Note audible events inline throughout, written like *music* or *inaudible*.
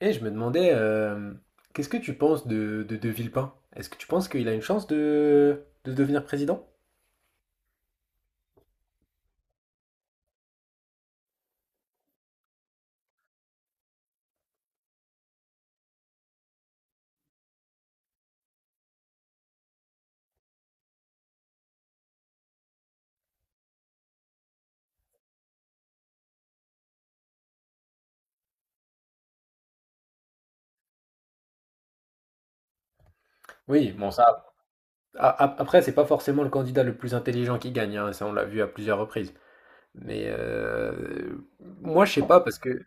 Et je me demandais, qu'est-ce que tu penses de Villepin? Est-ce que tu penses qu'il a une chance de devenir président? Oui, bon ça. Après, c'est pas forcément le candidat le plus intelligent qui gagne, hein, ça on l'a vu à plusieurs reprises. Mais moi je sais pas parce que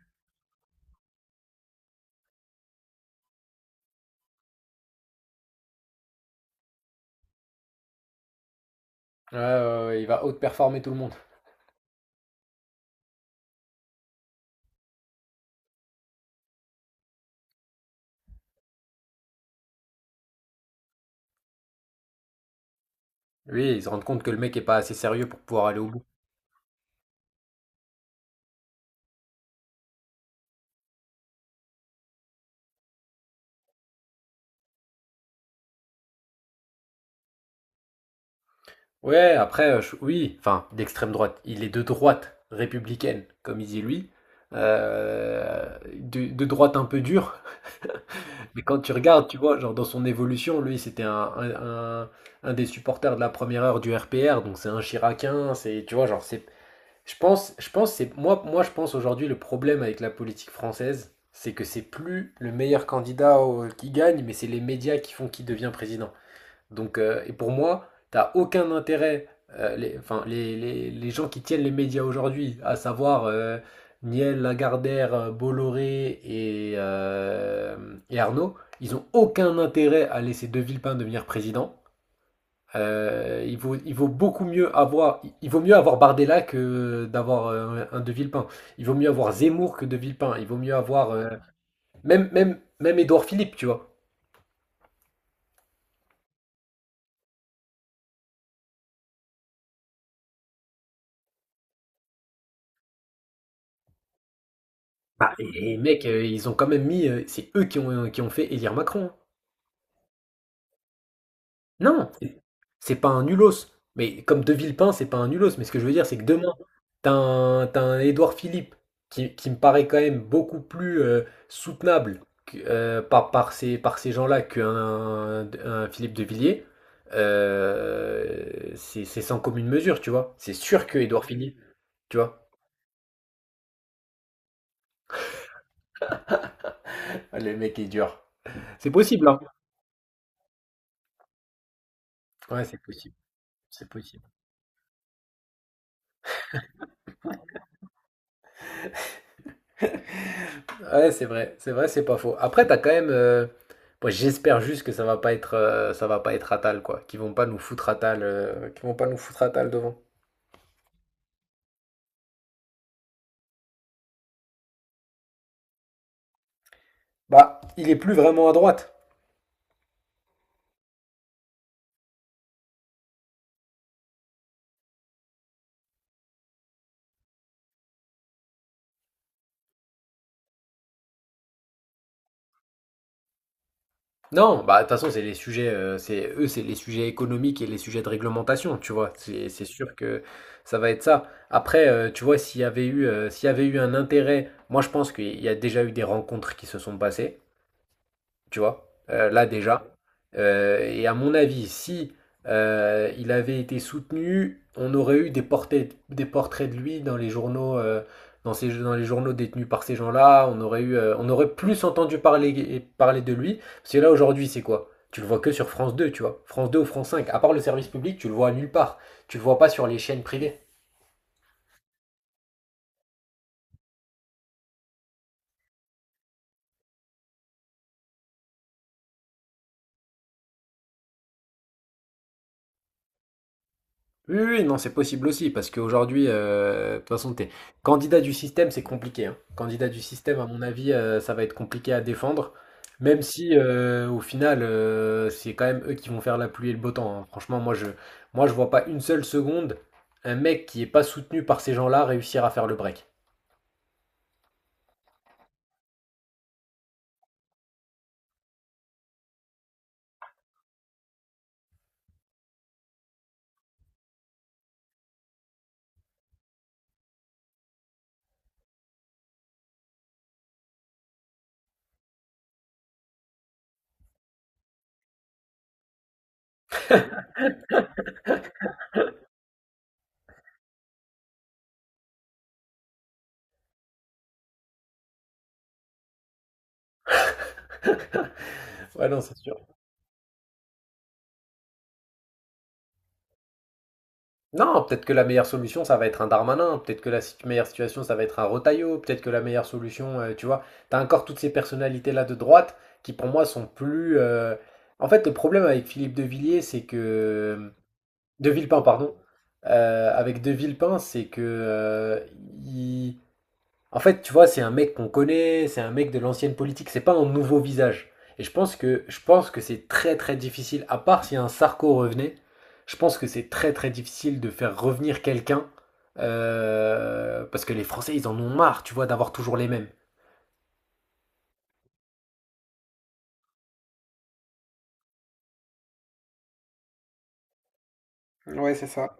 ouais, ouais, ouais, il va outperformer tout le monde. Oui, ils se rendent compte que le mec est pas assez sérieux pour pouvoir aller au bout. Ouais, après, oui, enfin, d'extrême droite. Il est de droite républicaine, comme il dit lui. De droite un peu dure. *laughs* Mais quand tu regardes, tu vois, genre dans son évolution, lui, c'était un des supporters de la première heure du RPR, donc c'est un Chiracien, c'est, tu vois, genre, c'est. Je pense, c'est. Moi, je pense aujourd'hui, le problème avec la politique française, c'est que c'est plus le meilleur qui gagne, mais c'est les médias qui font qui devient président. Donc, et pour moi, t'as aucun intérêt, les gens qui tiennent les médias aujourd'hui, à savoir Niel, Lagardère, Bolloré et Arnaud, ils ont aucun intérêt à laisser De Villepin devenir président. Il vaut beaucoup mieux avoir, il vaut mieux avoir Bardella que d'avoir un De Villepin. Il vaut mieux avoir Zemmour que De Villepin. Il vaut mieux avoir même Édouard Philippe, tu vois. Bah, et mec, ils ont quand même mis, c'est eux qui ont fait élire Macron, hein. Non, c'est pas un nulos. Mais comme De Villepin, c'est pas un nulos. Mais ce que je veux dire, c'est que demain, t'as un Édouard Philippe qui me paraît quand même beaucoup plus soutenable par ces gens-là qu'un un Philippe de Villiers. C'est sans commune mesure, tu vois. C'est sûr que Édouard Philippe, tu vois. Ah, le mec est dur. C'est possible, hein. Ouais, c'est possible. C'est possible. Ouais, c'est vrai, c'est vrai, c'est pas faux. Après, t'as quand même, moi, j'espère juste que ça va pas être, ça va pas être Atal, quoi. Qu'ils vont pas nous foutre Atal, qu'ils vont pas nous foutre Atal devant. Bah, il est plus vraiment à droite. Non, bah de toute façon, c'est les sujets, c'est eux, c'est les sujets économiques et les sujets de réglementation, tu vois. C'est sûr que ça va être ça. Après, tu vois, s'il y avait eu un intérêt, moi je pense qu'il y a déjà eu des rencontres qui se sont passées, tu vois, là déjà. Et à mon avis, si il avait été soutenu, on aurait eu des portraits de lui dans les journaux, dans les journaux détenus par ces gens-là. On aurait eu, on aurait plus entendu parler de lui. Parce que là aujourd'hui, c'est quoi? Tu le vois que sur France 2, tu vois. France 2 ou France 5. À part le service public, tu le vois nulle part. Tu le vois pas sur les chaînes privées. Oui, oui, oui, non, c'est possible aussi, parce qu'aujourd'hui, de toute façon, t'es candidat du système, c'est compliqué, hein. Candidat du système, à mon avis, ça va être compliqué à défendre, même si au final, c'est quand même eux qui vont faire la pluie et le beau temps, hein. Franchement, moi, je vois pas une seule seconde un mec qui est pas soutenu par ces gens-là réussir à faire le break. *laughs* Ouais, non, c'est sûr. Non, peut-être que la meilleure solution, ça va être un Darmanin, peut-être que la meilleure situation, ça va être un Retailleau, peut-être que la meilleure solution, tu vois, t'as encore toutes ces personnalités-là de droite qui pour moi sont plus... En fait, le problème avec Philippe de Villiers, c'est que... De Villepin, pardon. Avec De Villepin, c'est que... il- en fait, tu vois, c'est un mec qu'on connaît, c'est un mec de l'ancienne politique, c'est pas un nouveau visage. Et je pense que c'est très très difficile, à part si un Sarko revenait, je pense que c'est très très difficile de faire revenir quelqu'un parce que les Français ils en ont marre, tu vois, d'avoir toujours les mêmes. Ouais, c'est ça.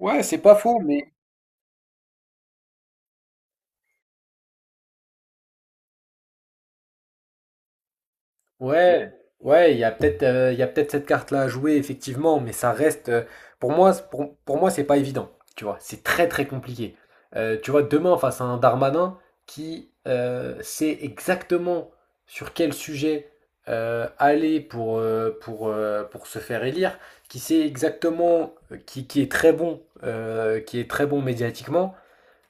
Ouais, c'est pas faux, mais ouais, ouais, il y a peut-être cette carte-là à jouer, effectivement, mais ça reste, pour moi, pour moi, c'est pas évident. Tu vois, c'est très très compliqué. Tu vois, demain, face à un Darmanin qui sait exactement sur quel sujet aller pour se faire élire, qui sait exactement, qui est très bon, qui est très bon médiatiquement,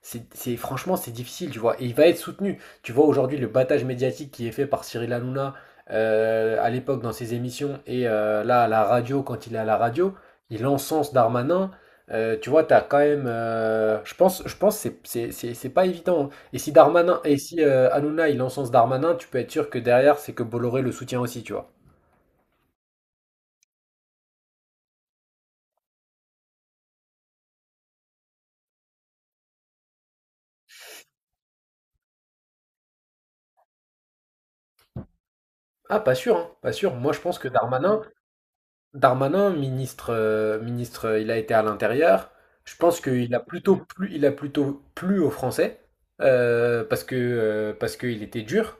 franchement, c'est difficile, tu vois. Et il va être soutenu. Tu vois aujourd'hui le battage médiatique qui est fait par Cyril Hanouna à l'époque dans ses émissions et là à la radio, quand il est à la radio, il encense Darmanin. Tu vois, t'as quand même, je pense que c'est pas évident, hein. Et si Darmanin, et si Hanouna il encense Darmanin, tu peux être sûr que derrière c'est que Bolloré le soutient aussi, tu vois. Ah, pas sûr, hein, pas sûr. Moi, je pense que Darmanin, Darmanin, ministre, il a été à l'intérieur. Je pense qu'il a plutôt plu, il a plutôt plu aux Français parce qu'il était dur.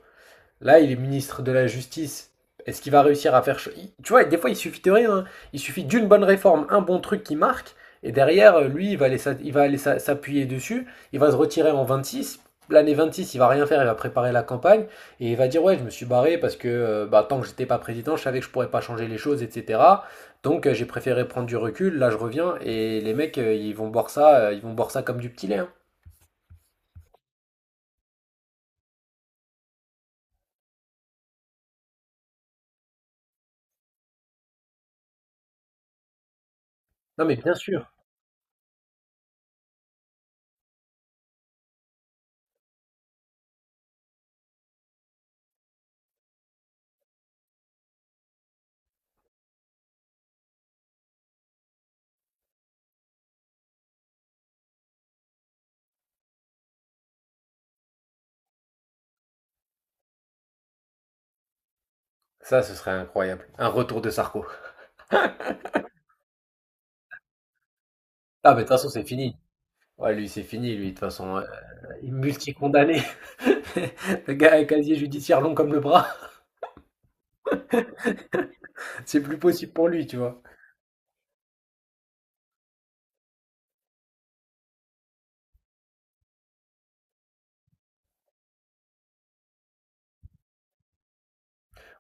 Là, il est ministre de la Justice. Est-ce qu'il va réussir à faire... Tu vois, des fois, il suffit de rien, hein. Il suffit d'une bonne réforme, un bon truc qui marque, et derrière, il va aller s'appuyer dessus, il va se retirer en 26. L'année 26, il va rien faire, il va préparer la campagne, et il va dire, ouais, je me suis barré parce que bah, tant que j'étais pas président, je savais que je pourrais pas changer les choses, etc. Donc j'ai préféré prendre du recul, là je reviens, et les mecs, ils vont boire ça comme du petit lait, hein. Non mais bien sûr, ça ce serait incroyable. Un retour de Sarko. Ah mais de toute façon c'est fini. Ouais, lui, c'est fini, lui, de toute façon, multi-condamné. *laughs* Le gars a un casier judiciaire long comme le bras, *laughs* c'est plus possible pour lui, tu vois?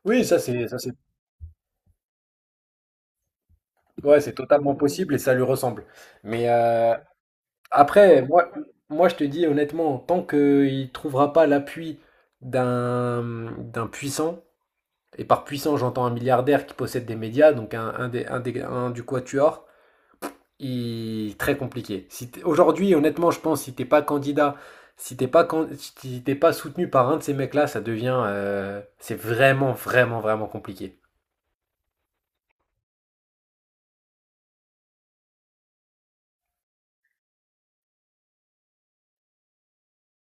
Ça c'est ouais, c'est totalement possible et ça lui ressemble. Mais, après, moi moi, je te dis honnêtement, tant qu'il trouvera pas l'appui d'un, d'un puissant et par puissant, j'entends un milliardaire qui possède des médias, donc un des un des un du quatuor très compliqué. Si t'es- Aujourd'hui, honnêtement, je pense, si t'es pas candidat, si t'es pas, can- si t'es pas soutenu par un de ces mecs-là, ça devient, c'est vraiment, vraiment, vraiment compliqué.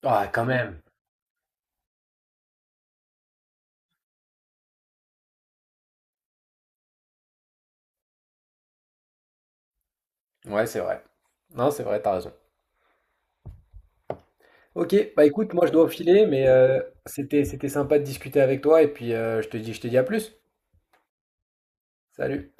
Ah, quand même. Ouais, c'est vrai. Non, c'est vrai, t'as raison. Ok, bah écoute, moi je dois filer, mais c'était sympa de discuter avec toi, et puis je te dis à plus. Salut.